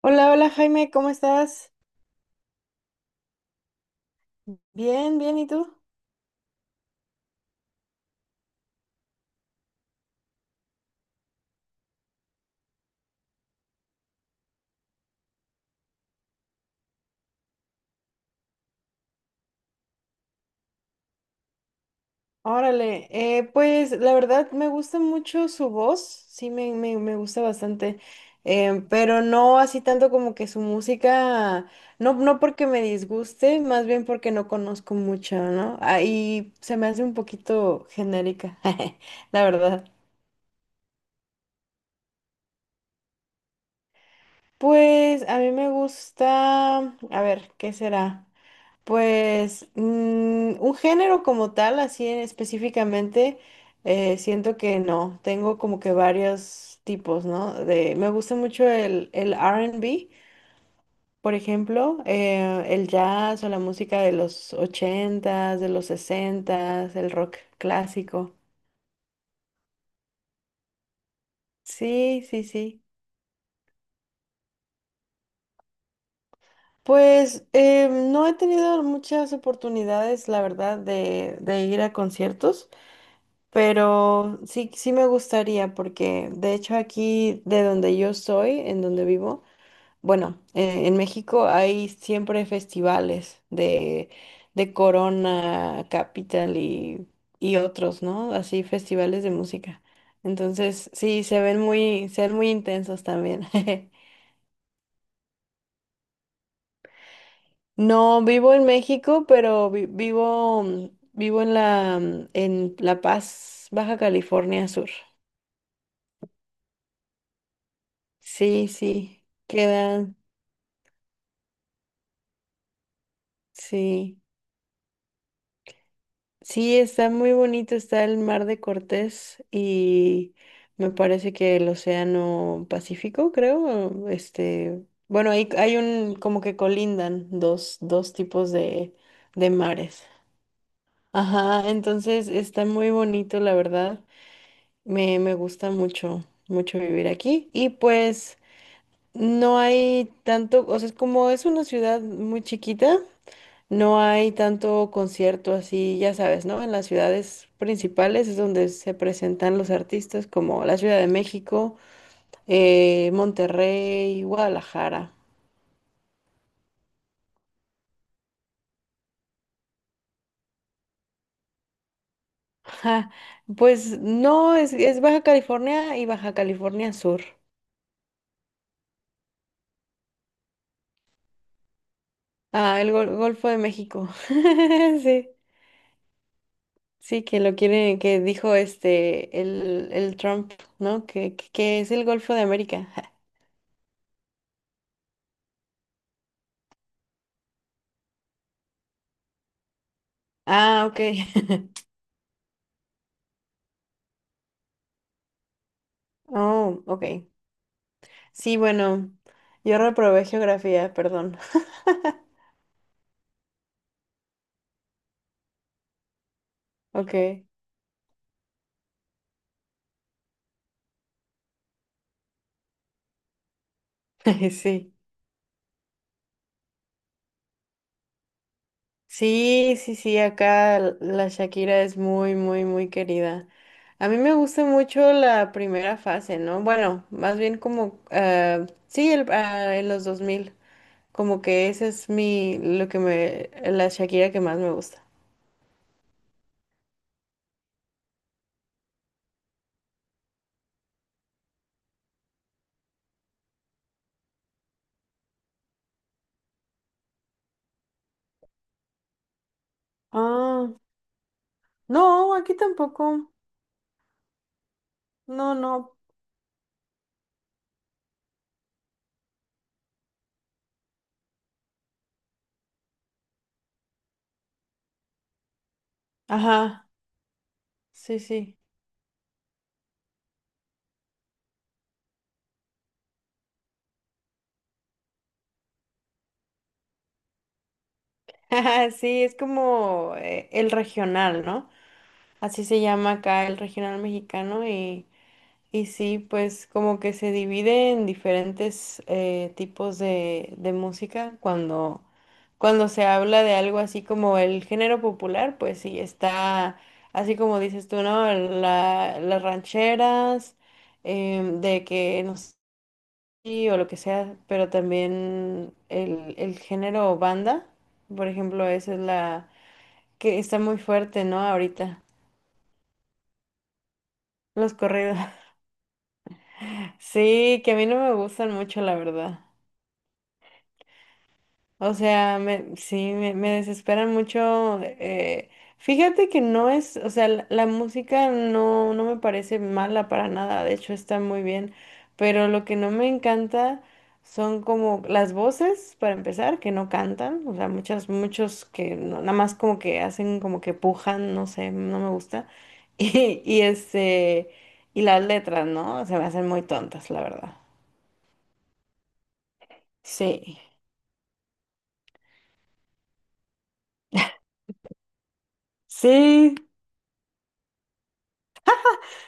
Hola, hola Jaime, ¿cómo estás? Bien, bien, ¿y tú? Órale, pues la verdad me gusta mucho su voz, sí me gusta bastante, pero no así tanto como que su música, no, no porque me disguste, más bien porque no conozco mucho, ¿no? Ahí se me hace un poquito genérica, la verdad. Pues a mí me gusta, a ver, ¿qué será? Pues un género como tal, así específicamente, siento que no. Tengo como que varios tipos, ¿no? Me gusta mucho el R&B, por ejemplo, el jazz o la música de los ochentas, de los sesentas, el rock clásico. Sí, sí, sí. Pues no he tenido muchas oportunidades, la verdad, de ir a conciertos. Pero sí, sí me gustaría porque de hecho aquí de donde yo soy, en donde vivo, bueno, en México hay siempre festivales de Corona, Capital y otros, ¿no? Así festivales de música. Entonces, sí, se ven muy intensos también. No vivo en México, pero vivo, vivo en en La Paz, Baja California Sur. Sí, sí, queda. Sí, sí, está muy bonito, está el Mar de Cortés y me parece que el Océano Pacífico, creo, este, bueno, hay un, como que colindan dos tipos de mares. Ajá, entonces está muy bonito, la verdad, me gusta mucho, mucho vivir aquí y pues no hay tanto, o sea, es como es una ciudad muy chiquita. No hay tanto concierto así, ya sabes, ¿no? En las ciudades principales es donde se presentan los artistas como la Ciudad de México, Monterrey, Guadalajara. Ja, pues no, es Baja California y Baja California Sur. Ah, el Golfo de México. Sí, sí, que lo quiere, que dijo este, el Trump, ¿no? Que, que es el Golfo de América. Ja. Ah, ok. Oh, ok. Sí, bueno, yo reprobé geografía, perdón. Ok, sí. Sí, sí, sí, acá la Shakira es muy, muy, muy querida. A mí me gusta mucho la primera fase, ¿no? Bueno, más bien como, ah, sí, el, ah, en los 2000, como que ese es mi, lo que me, la Shakira que más me gusta. Ah, no, aquí tampoco. No, no. Ajá, sí, sí. Sí, es como el regional, ¿no? Así se llama acá el regional mexicano y sí, pues como que se divide en diferentes tipos de música. Cuando se habla de algo así como el género popular, pues sí, está así como dices tú, ¿no? Las rancheras, de que no sé, sí, o lo que sea, pero también el género banda, por ejemplo, esa es la que está muy fuerte, ¿no? Ahorita, los corridos. Sí, que a mí no me gustan mucho, la verdad. O sea, me desesperan mucho. Fíjate que no es, o sea, la música no, no me parece mala para nada, de hecho está muy bien, pero lo que no me encanta son como las voces, para empezar, que no cantan, o sea, muchos que nada más como que hacen como que pujan, no sé, no me gusta. Y, y las letras, ¿no? Se me hacen muy tontas, la verdad. Sí. Sí,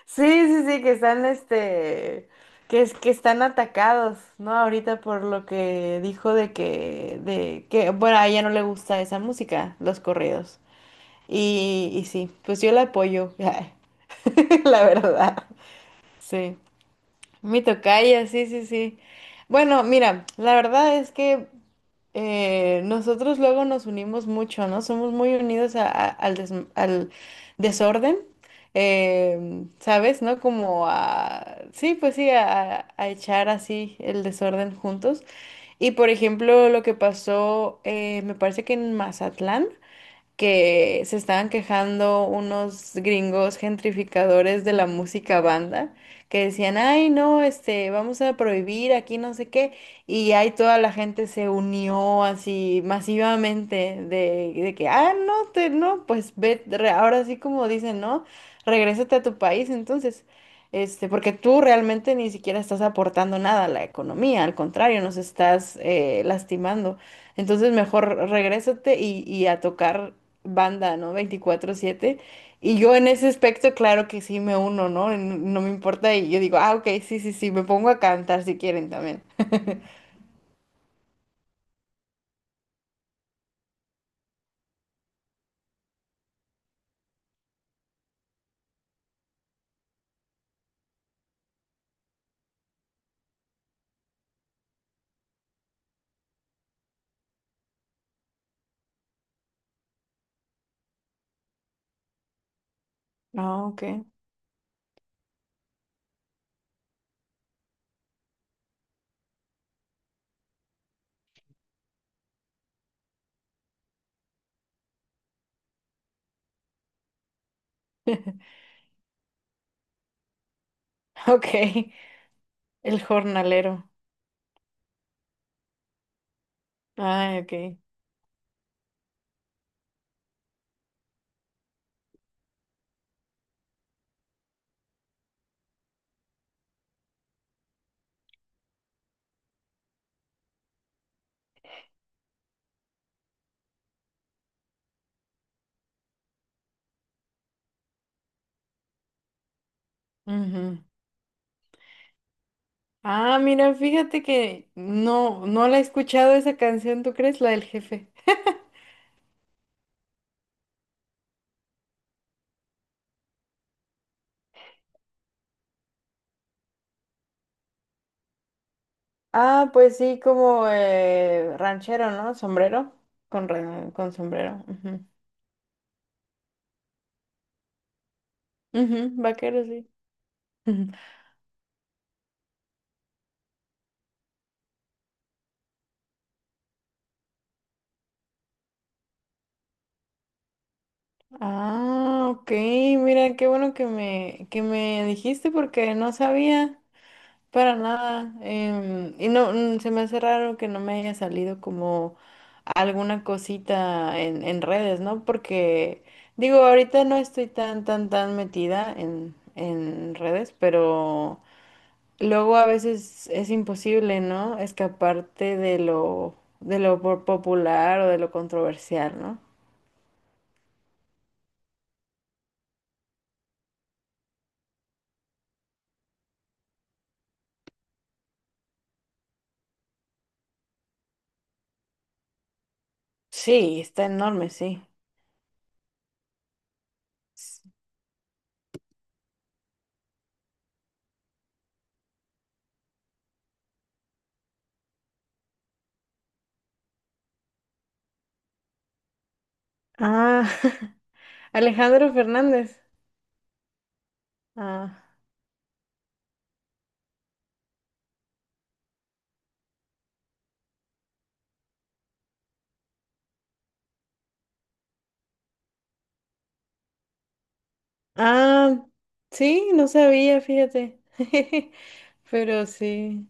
sí, sí, sí, que están, que es que están atacados, ¿no? Ahorita por lo que dijo bueno, a ella no le gusta esa música, los corridos. Y sí, pues yo la apoyo, la verdad. Sí. Mi tocaya, sí, sí, sí. Bueno, mira, la verdad es que nosotros luego nos unimos mucho, ¿no? Somos muy unidos al desorden, eh, ¿sabes? ¿No? Como a, sí, pues sí, a echar así el desorden juntos. Y por ejemplo, lo que pasó, me parece que en Mazatlán que se estaban quejando unos gringos gentrificadores de la música banda, que decían, ay, no, este, vamos a prohibir aquí no sé qué, y ahí toda la gente se unió así masivamente de que, ah, no, te, no, pues ve, ahora sí como dicen, ¿no? Regrésate a tu país, entonces. Este, porque tú realmente ni siquiera estás aportando nada a la economía, al contrario, nos estás lastimando. Entonces mejor regrésate y a tocar banda, no 24/7. Y yo en ese aspecto, claro que sí me uno, ¿no? No me importa y yo digo, ah, ok, sí, sí, sí, me pongo a cantar si quieren también. Ah, ok. Ok, el jornalero. Ah, ok. Ujú. Ah, mira, fíjate que no, no la he escuchado esa canción, ¿tú crees? La del jefe. Ah, pues sí, como ranchero, ¿no? Sombrero. Con, con sombrero. Ujú, vaquero, sí. Ujú. Ah, ok, mira, qué bueno que que me dijiste porque no sabía para nada. Y no, mm, se me hace raro que no me haya salido como alguna cosita en redes, ¿no? Porque digo, ahorita no estoy tan, tan, tan metida en redes, pero luego a veces es imposible, ¿no? Escaparte de lo popular o de lo controversial, ¿no? Sí, está enorme, sí. Ah, Alejandro Fernández. Ah, ah, sí, no sabía, fíjate. Pero sí.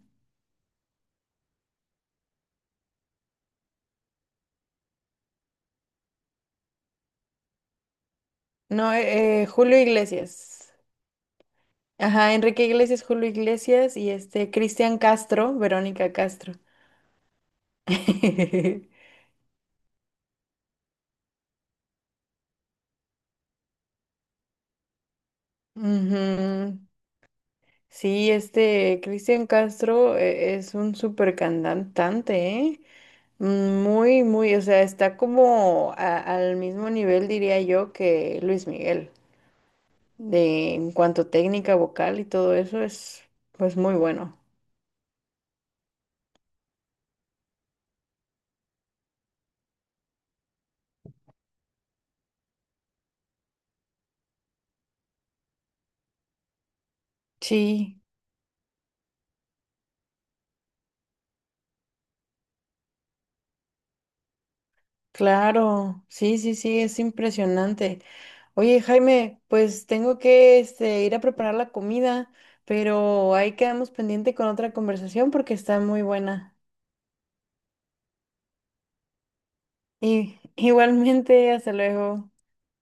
No, Julio Iglesias. Ajá, Enrique Iglesias, Julio Iglesias y este Cristian Castro, Verónica Castro. Ujú. Sí, este Cristian Castro es un súper cantante, ¿eh? Mm, muy, muy, o sea, está como al mismo nivel, diría yo, que Luis Miguel. De, en cuanto a técnica vocal y todo eso, es pues muy bueno. Sí, claro, sí, sí, sí, es impresionante. Oye, Jaime, pues tengo que ir a preparar la comida, pero ahí quedamos pendiente con otra conversación porque está muy buena. Y igualmente, hasta luego.